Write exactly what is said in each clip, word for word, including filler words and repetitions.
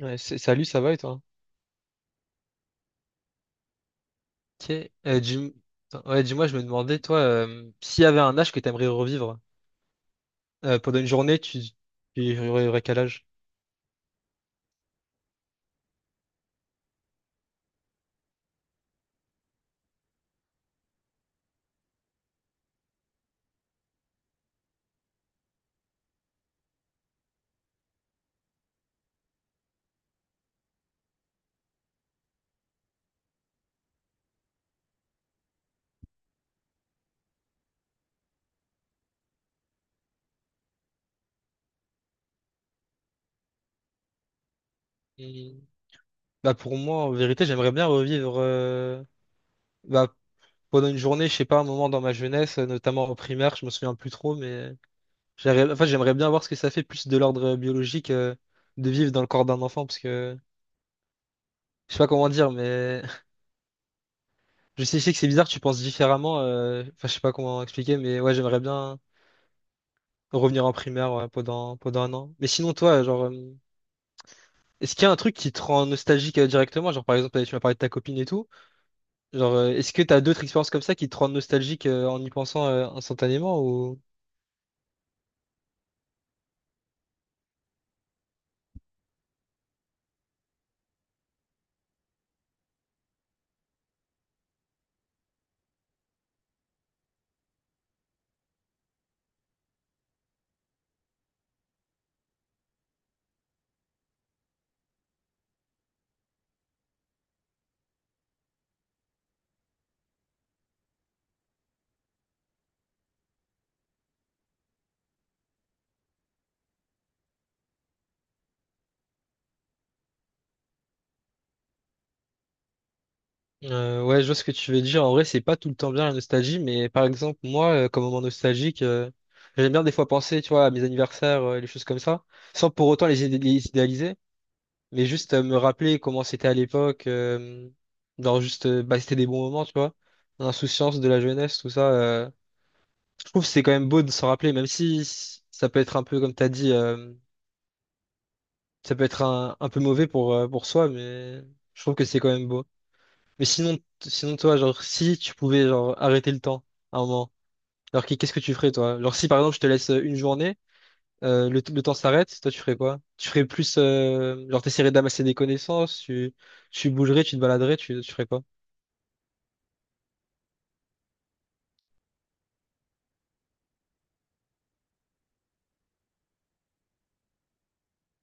Ouais, c'est- salut, ça va et toi? Ok. Euh, dis- attends, ouais, dis-moi, je me demandais, toi, euh, s'il y avait un âge que t'aimerais revivre euh, pendant une journée, tu, tu aurais quel âge? Et, bah, pour moi, en vérité, j'aimerais bien revivre euh, bah, pendant une journée, je sais pas, un moment dans ma jeunesse, euh, notamment en primaire, je me souviens plus trop, mais j'aimerais, enfin, j'aimerais bien voir ce que ça fait plus de l'ordre biologique euh, de vivre dans le corps d'un enfant, parce que je sais pas comment dire, mais je sais, je sais que c'est bizarre, tu penses différemment, euh, enfin, je sais pas comment expliquer, mais ouais, j'aimerais bien. Revenir en primaire ouais, pendant, pendant un an. Mais sinon, toi, genre, euh, est-ce qu'il y a un truc qui te rend nostalgique euh, directement? Genre, par exemple, tu m'as parlé de ta copine et tout. Genre, euh, est-ce que t'as d'autres expériences comme ça qui te rendent nostalgique euh, en y pensant euh, instantanément ou... Euh, ouais, je vois ce que tu veux dire. En vrai, c'est pas tout le temps bien la nostalgie, mais par exemple, moi, euh, comme moment nostalgique, euh, j'aime bien des fois penser, tu vois, à mes anniversaires, euh, les choses comme ça, sans pour autant les, idé- les idéaliser. Mais juste euh, me rappeler comment c'était à l'époque, euh, genre juste, euh, bah, c'était des bons moments, tu vois. L'insouciance de la jeunesse, tout ça. euh, je trouve que c'est quand même beau de s'en rappeler, même si s- ça peut être un peu, comme t'as dit, euh, ça peut être un, un peu mauvais pour, euh, pour soi, mais je trouve que c'est quand même beau. Mais sinon, t- sinon toi, genre, si tu pouvais genre arrêter le temps à un moment, alors qu'est-ce que tu ferais, toi? Genre, si par exemple, je te laisse euh, une journée, euh, le, le temps s'arrête, toi tu ferais quoi? Tu ferais plus, euh, genre t'essaierais d'amasser des connaissances, tu, tu bougerais, tu te baladerais, tu, tu ferais quoi?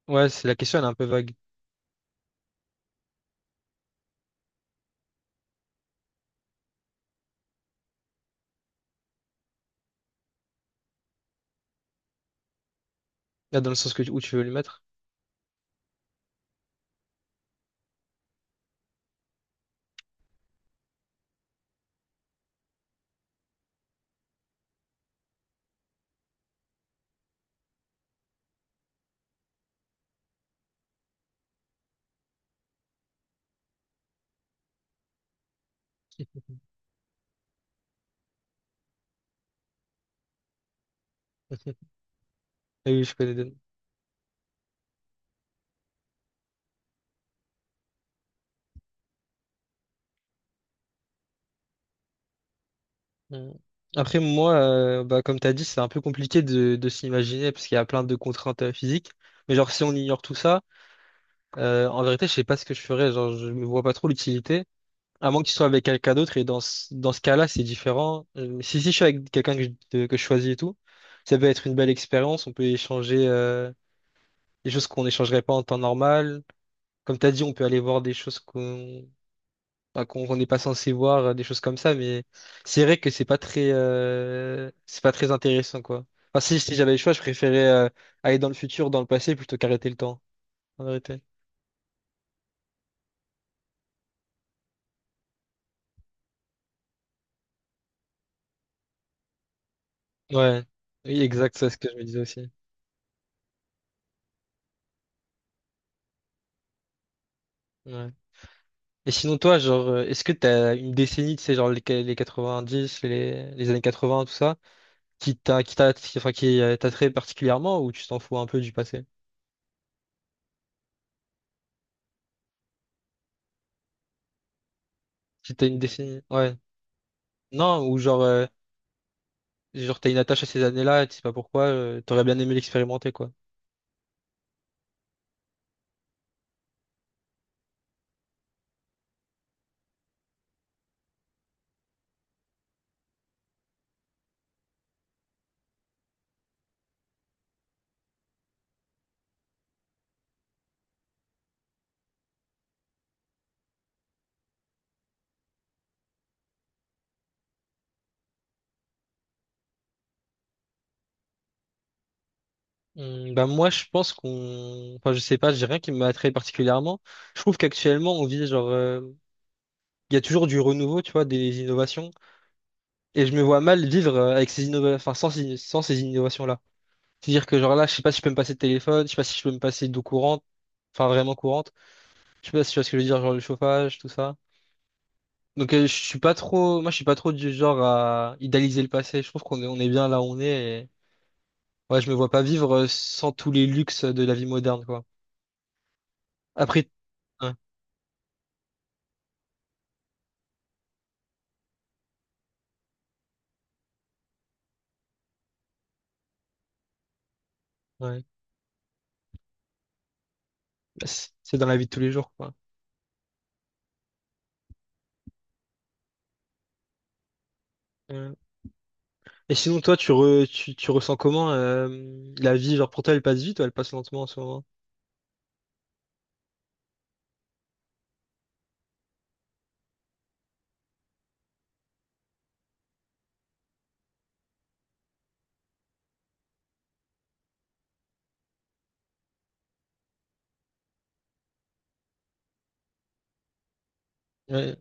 Ouais, c'est la question, elle est un peu vague. Là, dans le sens que, tu- où tu veux lui mettre. Ah, oui, je connais Eden. Mm. Après, moi, euh, bah, comme t'as dit, c'est un peu compliqué de, de s'imaginer parce qu'il y a plein de contraintes euh, physiques. Mais genre, si on ignore tout ça, euh, en vérité, je sais pas ce que je ferais. Genre, je me vois pas trop l'utilité. À moins que tu sois avec quelqu'un d'autre, et dans ce, dans ce cas-là, c'est différent. Euh, Si, si je suis avec quelqu'un que je, de- que je choisis et tout, ça peut être une belle expérience. On peut échanger euh, des choses qu'on n'échangerait pas en temps normal. Comme tu as dit, on peut aller voir des choses qu'on enfin, qu'on qu'on n'est pas censé voir, euh, des choses comme ça. Mais c'est vrai que c'est pas très, euh, c'est pas très intéressant, quoi. Enfin, si, si j'avais le choix, je préférais euh, aller dans le futur, dans le passé, plutôt qu'arrêter le temps, en vérité. Ouais, oui, exact, c'est ce que je me disais aussi. Ouais. Et sinon, toi, genre, euh, est-ce que t'as une décennie, tu sais, genre les, qua- les dix les, les années quatre-vingts, tout ça, qui t'a, qui t'a, qui- enfin, qui euh, t'attrait particulièrement ou tu t'en fous un peu du passé? Si t'as une décennie, ouais. Non, ou genre, euh, genre t'as une attache à ces années-là, tu sais pas pourquoi, euh, t'aurais bien aimé l'expérimenter, quoi. Hmm, bah moi, je pense qu'on, enfin, je sais pas, j'ai rien qui m'attrait particulièrement. Je trouve qu'actuellement, on vit genre, euh, il y a toujours du renouveau, tu vois, des innovations, et je me vois mal vivre euh, avec ces innova, enfin, sans ces sans ces innovations-là. C'est-à-dire que genre là, je sais pas si je peux me passer de téléphone, je sais pas si je peux me passer d'eau courante, enfin vraiment courante. Je sais pas si tu vois ce que je veux dire, genre le chauffage, tout ça. Donc euh, je suis pas trop, moi je suis pas trop du genre à idéaliser le passé. Je trouve qu'on est, on est bien là où on est. Et... Ouais, je me vois pas vivre euh, sans tous les luxes de la vie moderne, quoi. Après, ouais, ouais. C'est c'est dans la vie de tous les jours, quoi. Ouais. Et sinon, toi, tu, re- tu, tu ressens comment euh, la vie, genre pour toi, elle passe vite ou elle passe lentement en ce moment? Ouais.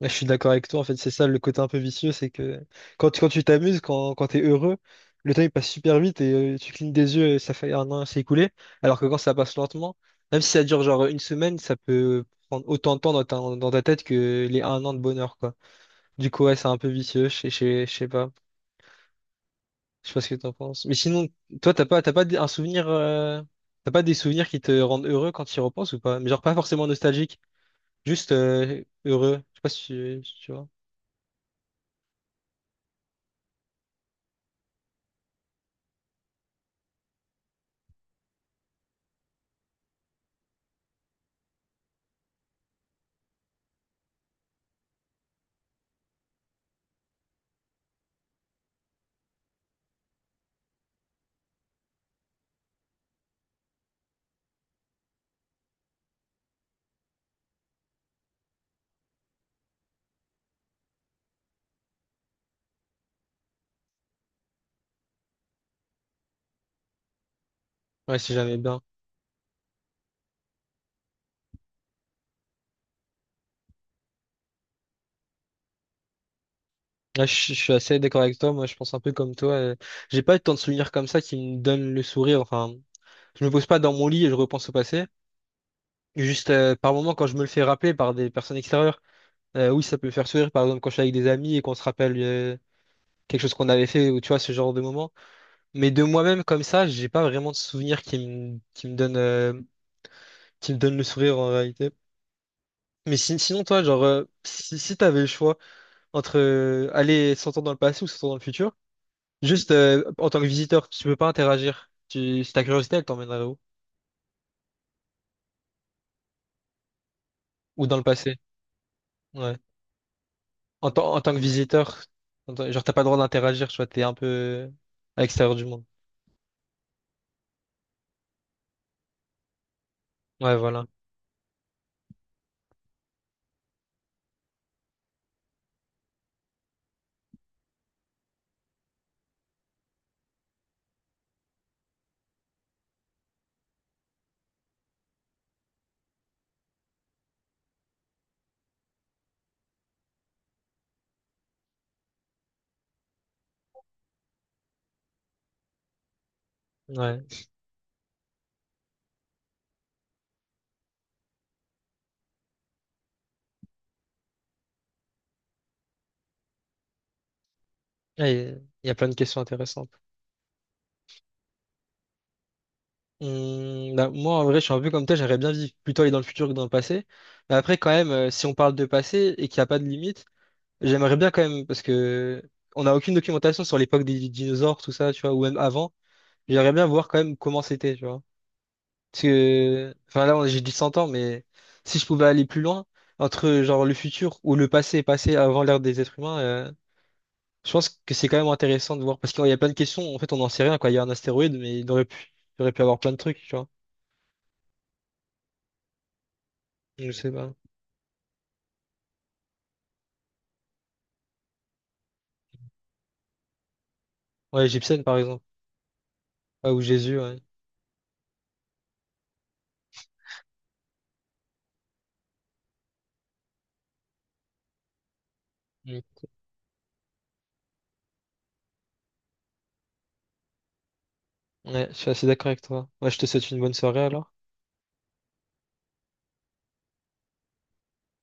Ouais, je suis d'accord avec toi, en fait, c'est ça le côté un peu vicieux, c'est que quand, tu- quand tu t'amuses, quand, quand t'es heureux, le temps il passe super vite et euh, tu clignes des yeux et ça fait un an, c'est écoulé. Alors que quand ça passe lentement, même si ça dure genre une semaine, ça peut prendre autant de temps dans ta, dans ta tête que les un an de bonheur, quoi. Du coup, ouais, c'est un peu vicieux, je sais je sais- je sais pas. Je sais pas ce que t'en penses. Mais sinon, toi, t'as pas, t'as pas d- un souvenir, euh, t'as pas des souvenirs qui te rendent heureux quand tu y repenses ou pas? Mais genre pas forcément nostalgique, juste euh, heureux. Je sais pas si tu, si tu vois. Ouais, si jamais bien. Ouais, je, je suis assez d'accord avec toi. Moi, je pense un peu comme toi. euh, J'ai pas tant de souvenirs comme ça qui me donnent le sourire. Enfin, je me pose pas dans mon lit et je repense au passé. Juste euh, par moment, quand je me le fais rappeler par des personnes extérieures, euh, oui, ça peut me faire sourire. Par exemple, quand je suis avec des amis et qu'on se rappelle euh, quelque chose qu'on avait fait ou tu vois ce genre de moment. Mais de moi-même comme ça, j'ai pas vraiment de souvenirs qui me qui me donnent euh, qui me donnent le sourire en réalité. Mais si- sinon, toi, genre, euh, si, si t'avais le choix entre euh, aller 100 ans dans le passé ou 100 ans dans le futur. Juste euh, en tant que visiteur, tu peux pas interagir. Tu, si ta curiosité, elle t'emmènerait où? Ou dans le passé. Ouais. En, tant- en tant que visiteur, en tant- genre t'as pas le droit d'interagir, tu vois, t'es un peu à l'extérieur du monde. Ouais, voilà. Ouais. Ah, il y a plein de questions intéressantes. Hum, bah, moi, en vrai, je suis un peu comme toi, j'aimerais bien vivre plutôt aller dans le futur que dans le passé. Mais après, quand même, euh, si on parle de passé et qu'il n'y a pas de limite, j'aimerais bien quand même, parce que on n'a aucune documentation sur l'époque des dinosaures, tout ça, tu vois, ou même avant. J'aimerais bien voir quand même comment c'était, tu vois. Parce que, enfin là, on- j'ai dit cent ans, mais si je pouvais aller plus loin, entre genre le futur ou le passé, passé avant l'ère des êtres humains, euh, je pense que c'est quand même intéressant de voir, parce qu'il y a plein de questions, en fait, on n'en sait rien, quoi. Il y a un astéroïde, mais il aurait pu, il aurait pu avoir plein de trucs, tu vois. Je sais pas. Ouais, Gibson, par exemple. Ouais, ou Jésus, ouais. Mm. Ouais, je suis assez d'accord avec toi. Ouais, je te souhaite une bonne soirée, alors.